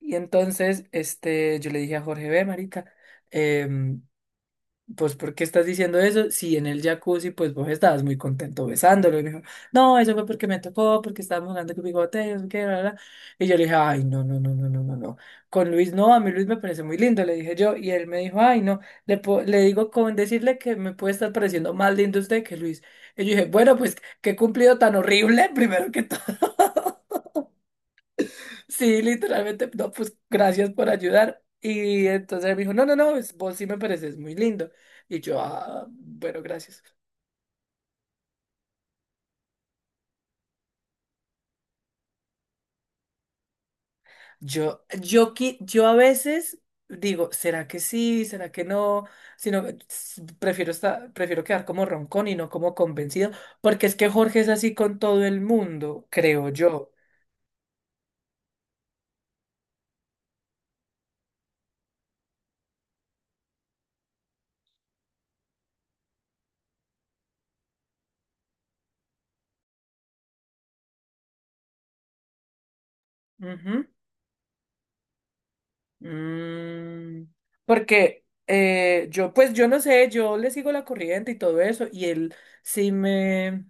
Y entonces, yo le dije a Jorge, ve, marica, em, pues, ¿por qué estás diciendo eso? Si en el jacuzzi, pues, vos estabas muy contento besándolo. Y me dijo, no, eso fue porque me tocó, porque estábamos jugando con bigote, no sé qué, bla, bla". Y yo le dije, ay, no, no, no, no, no, no, no. Con Luis, no, a mí Luis me parece muy lindo, le dije yo. Y él me dijo, ay, no, le digo con decirle que me puede estar pareciendo más lindo usted que Luis. Y yo dije, bueno, pues, qué cumplido tan horrible, primero que todo. Sí, literalmente, no, pues gracias por ayudar. Y entonces él me dijo, no, no, no, pues, vos sí me pareces muy lindo. Y yo, ah, bueno, gracias. Yo a veces digo, ¿será que sí? ¿Será que no? Sino que prefiero quedar como roncón y no como convencido, porque es que Jorge es así con todo el mundo, creo yo. Ujú. Mm, Porque yo, pues yo no sé, yo le sigo la corriente y todo eso, y él sí me,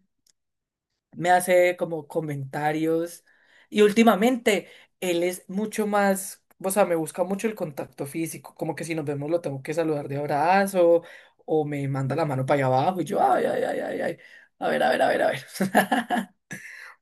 me hace como comentarios y últimamente él es mucho más, o sea, me busca mucho el contacto físico, como que si nos vemos lo tengo que saludar de abrazo o me manda la mano para allá abajo y yo, ay, ay, ay, ay, ay, a ver, a ver, a ver, a ver.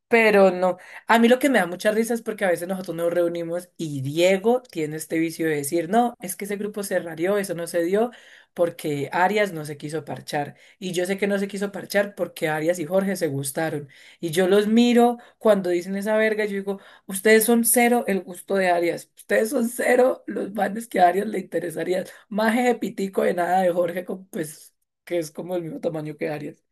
Pero no, a mí lo que me da mucha risa es porque a veces nosotros nos reunimos y Diego tiene este vicio de decir, no, es que ese grupo se rarió, eso no se dio porque Arias no se quiso parchar. Y yo sé que no se quiso parchar porque Arias y Jorge se gustaron. Y yo los miro cuando dicen esa verga, y yo digo, ustedes son cero el gusto de Arias, ustedes son cero los manes que a Arias le interesaría. Más de pitico de nada de Jorge, pues que es como el mismo tamaño que Arias.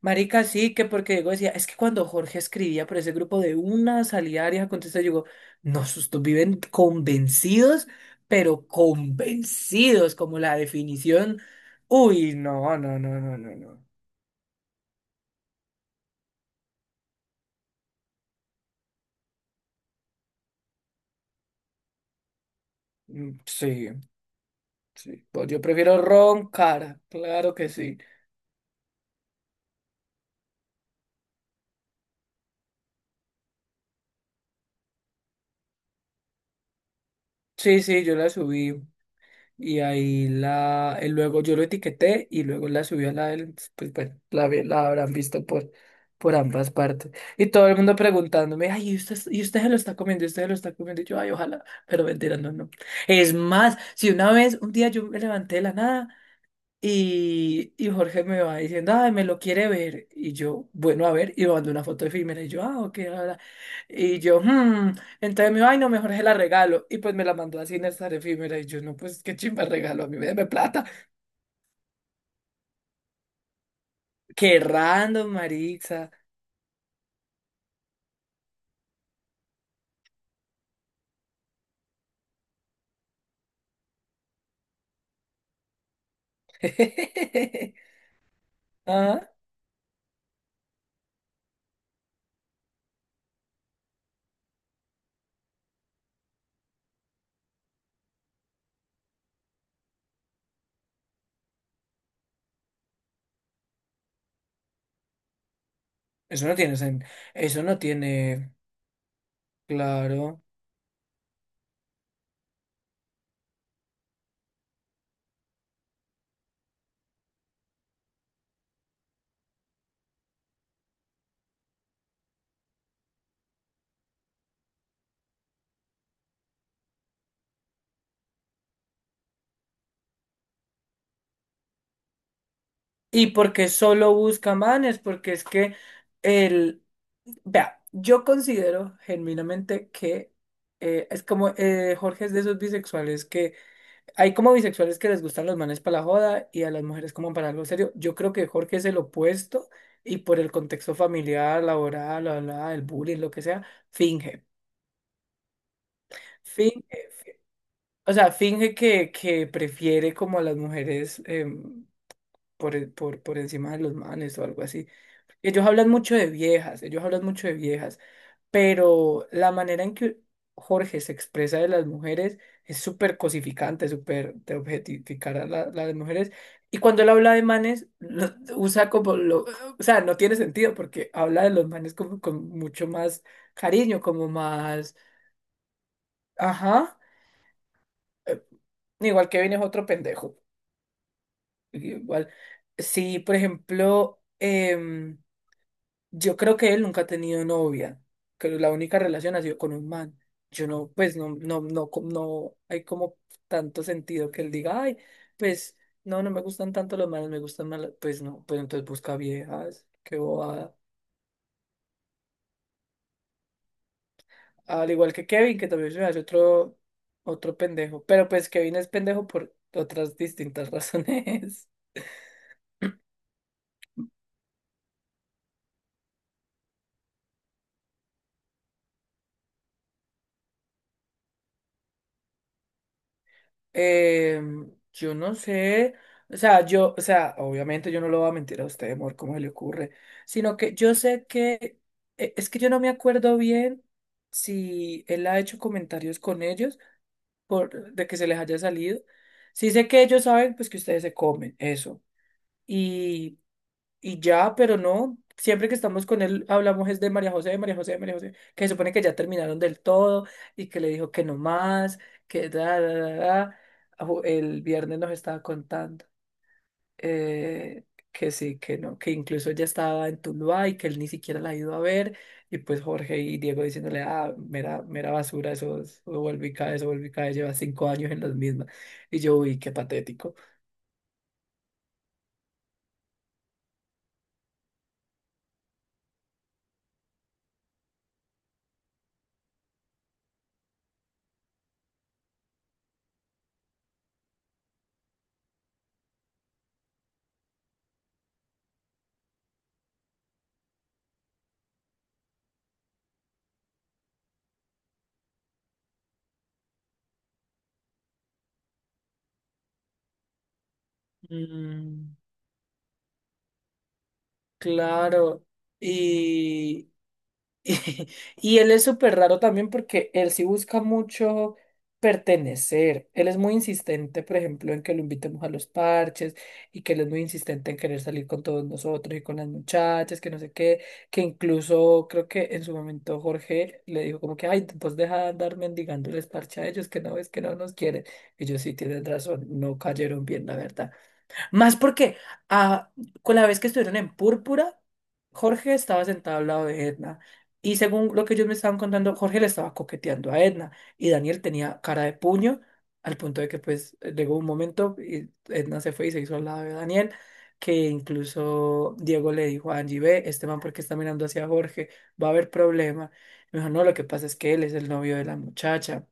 Marica, sí, que porque Diego decía, es que cuando Jorge escribía por ese grupo de una salida Arias contesta, yo digo, no, estos viven convencidos, pero convencidos, como la definición. Uy, no, no, no, no, no, no. Mm, sí, sí. Pues yo prefiero roncar, claro que sí. Sí, sí, yo la subí. Y ahí la, él luego yo lo etiqueté y luego la subí a la del, pues bueno, la habrán visto por ambas partes. Y todo el mundo preguntándome, ay, y usted se lo está comiendo? ¿Y usted se lo está comiendo? Y yo, ay, ojalá, pero mentira, no, no. Es más, si una vez, un día yo me levanté de la nada. Y Jorge me va diciendo, ay, me lo quiere ver. Y yo, bueno, a ver, y me mandó una foto efímera. Y yo, ah, ok, bla, bla". Y yo, hmm. Entonces me dijo, ay, no, mejor se la regalo. Y pues me la mandó así en esta efímera. Y yo, no, pues qué chimba el regalo, a mí me plata. Qué random, Marixa. Ah, eso no tiene sen- Eso no tiene. Claro. Y porque solo busca manes, porque es que el... Vea, yo considero genuinamente que es como Jorge es de esos bisexuales que hay como bisexuales que les gustan los manes para la joda y a las mujeres como para algo serio. Yo creo que Jorge es el opuesto y por el contexto familiar, laboral, bla, bla, el bullying, lo que sea, finge. Finge, o sea, finge que prefiere como a las mujeres. Por encima de los manes o algo así. Ellos hablan mucho de viejas, ellos hablan mucho de viejas, pero la manera en que Jorge se expresa de las mujeres es súper cosificante, súper de objetificar a la- las mujeres. Y cuando él habla de manes, usa como lo... O sea, no tiene sentido porque habla de los manes como con mucho más cariño, como más... Ajá. eh, Igual que viene otro pendejo. Igual. Sí, por ejemplo... Yo creo que él nunca ha tenido novia, que la única relación ha sido con un man. Yo no, pues no, no, no, no hay como tanto sentido que él diga, ay, pues no, no me gustan tanto los manes, me gustan más, las-". Pues no, pues entonces busca viejas, qué bobada. Al igual que Kevin, que también se me hace otro, otro pendejo, pero pues Kevin es pendejo por otras distintas razones. Eh, yo no sé, o sea, yo, o sea, obviamente yo no lo voy a mentir a usted, amor, cómo se le ocurre, sino que yo sé que, es que yo no me acuerdo bien si él ha hecho comentarios con ellos por, de que se les haya salido. Sí sé que ellos saben, pues, que ustedes se comen, eso y ya, pero no, siempre que estamos con él hablamos es de María José, de María José, de María José, que se supone que ya terminaron del todo y que le dijo que no más, que da, da, da, da. El viernes nos estaba contando eh, que sí, que no, que incluso ella estaba en Tuluá y que él ni siquiera la ha ido a ver. Y pues Jorge y Diego diciéndole, ah, mera, mera basura, eso, es- eso vuelve y cae, eso vuelve y cae, lleva 5 años en las mismas. Y yo, uy, qué patético. Mm, claro. Y, Y él es súper raro también porque él sí busca mucho pertenecer. Él es muy insistente, por ejemplo, en que lo invitemos a los parches y que él es muy insistente en querer salir con todos nosotros y con las muchachas, que no sé qué, que incluso creo que en su momento Jorge le dijo como que, ay, pues deja de andar mendigándoles parche a ellos, que no ves que no nos quieren. Y yo sí, tienen razón, no cayeron bien, la verdad. Más porque ah, con la vez que estuvieron en Púrpura, Jorge estaba sentado al lado de Edna. Y según lo que ellos me estaban contando, Jorge le estaba coqueteando a Edna. Y Daniel tenía cara de puño, al punto de que pues llegó un momento y Edna se fue y se hizo al lado de Daniel, que incluso Diego le dijo a Angie, ve, este man, ¿por qué está mirando hacia Jorge? Va a haber problema. Y me dijo, no, lo que pasa es que él es el novio de la muchacha.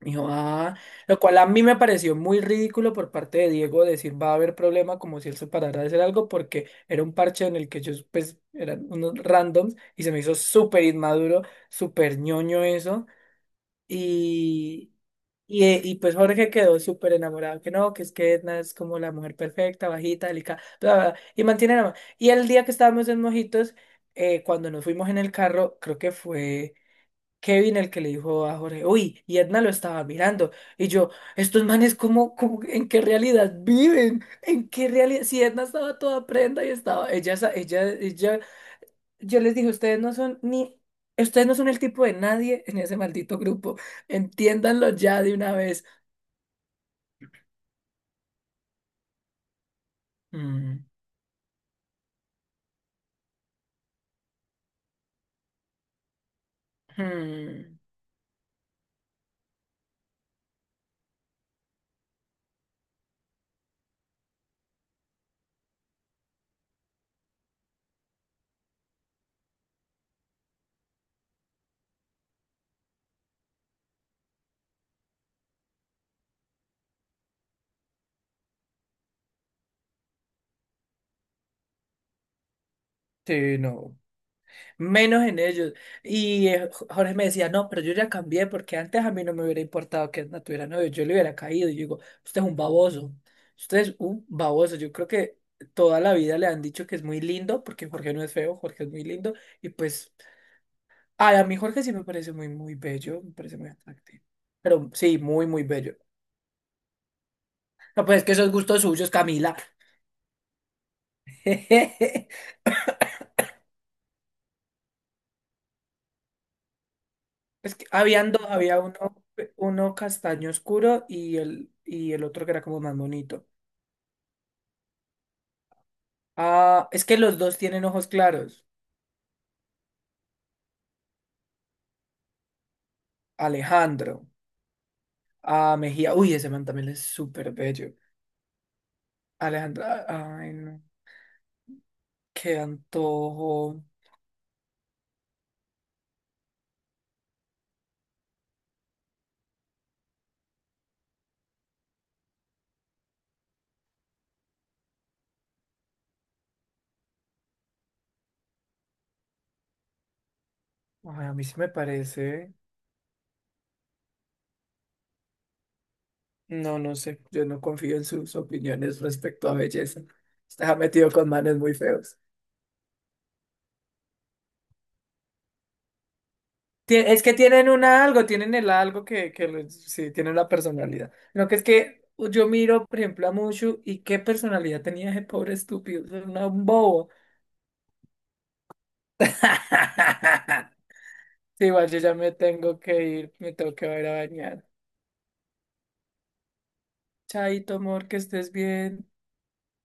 Dijo, ah, lo cual a mí me pareció muy ridículo por parte de Diego decir va a haber problema como si él se parara de hacer algo porque era un parche en el que ellos pues eran unos randoms y se me hizo súper inmaduro, súper ñoño eso y, y pues Jorge quedó súper enamorado que no, que es que Edna es como la mujer perfecta, bajita, delicada, bla, bla, bla, y mantiene la. Y el día que estábamos en Mojitos, cuando nos fuimos en el carro, creo que fue... Kevin el que le dijo a Jorge, uy, y Edna lo estaba mirando. Y yo, estos manes, ¿cómo, cómo- en qué realidad viven? ¿En qué realidad? Si Edna estaba toda prenda y estaba, ella, yo les dije, ustedes no son ni, ustedes no son el tipo de nadie en ese maldito grupo. Entiéndanlo ya de una vez. Mm, mm, sí, no. Menos en ellos. Y Jorge me decía, no, pero yo ya cambié porque antes a mí no me hubiera importado que Edna tuviera novio, yo le hubiera caído. Y yo digo, usted es un baboso, usted es un baboso. Yo creo que toda la vida le han dicho que es muy lindo porque Jorge no es feo, Jorge es muy lindo. Y pues, ay, a mí Jorge sí me parece muy, muy bello, me parece muy atractivo. Pero sí, muy, muy bello. No, pues es que esos gustos suyos, Camila. Es que habían dos, había uno, uno castaño oscuro y el otro que era como más bonito. Ah, es que los dos tienen ojos claros. Alejandro. Ah, Mejía. Uy, ese man también es súper bello. Alejandro. Ay, no. Qué antojo. Ay, a mí sí me parece. No, no sé. Yo no confío en sus opiniones respecto a belleza. Está metido con manes muy feos. Es que tienen una algo, tienen el algo que les- sí, tienen la personalidad. No, que es que yo miro, por ejemplo, a Mushu y qué personalidad tenía ese pobre estúpido. Era un bobo. Sí, igual yo ya me tengo que ir, me tengo que ir a bañar. Chaito, amor, que estés bien.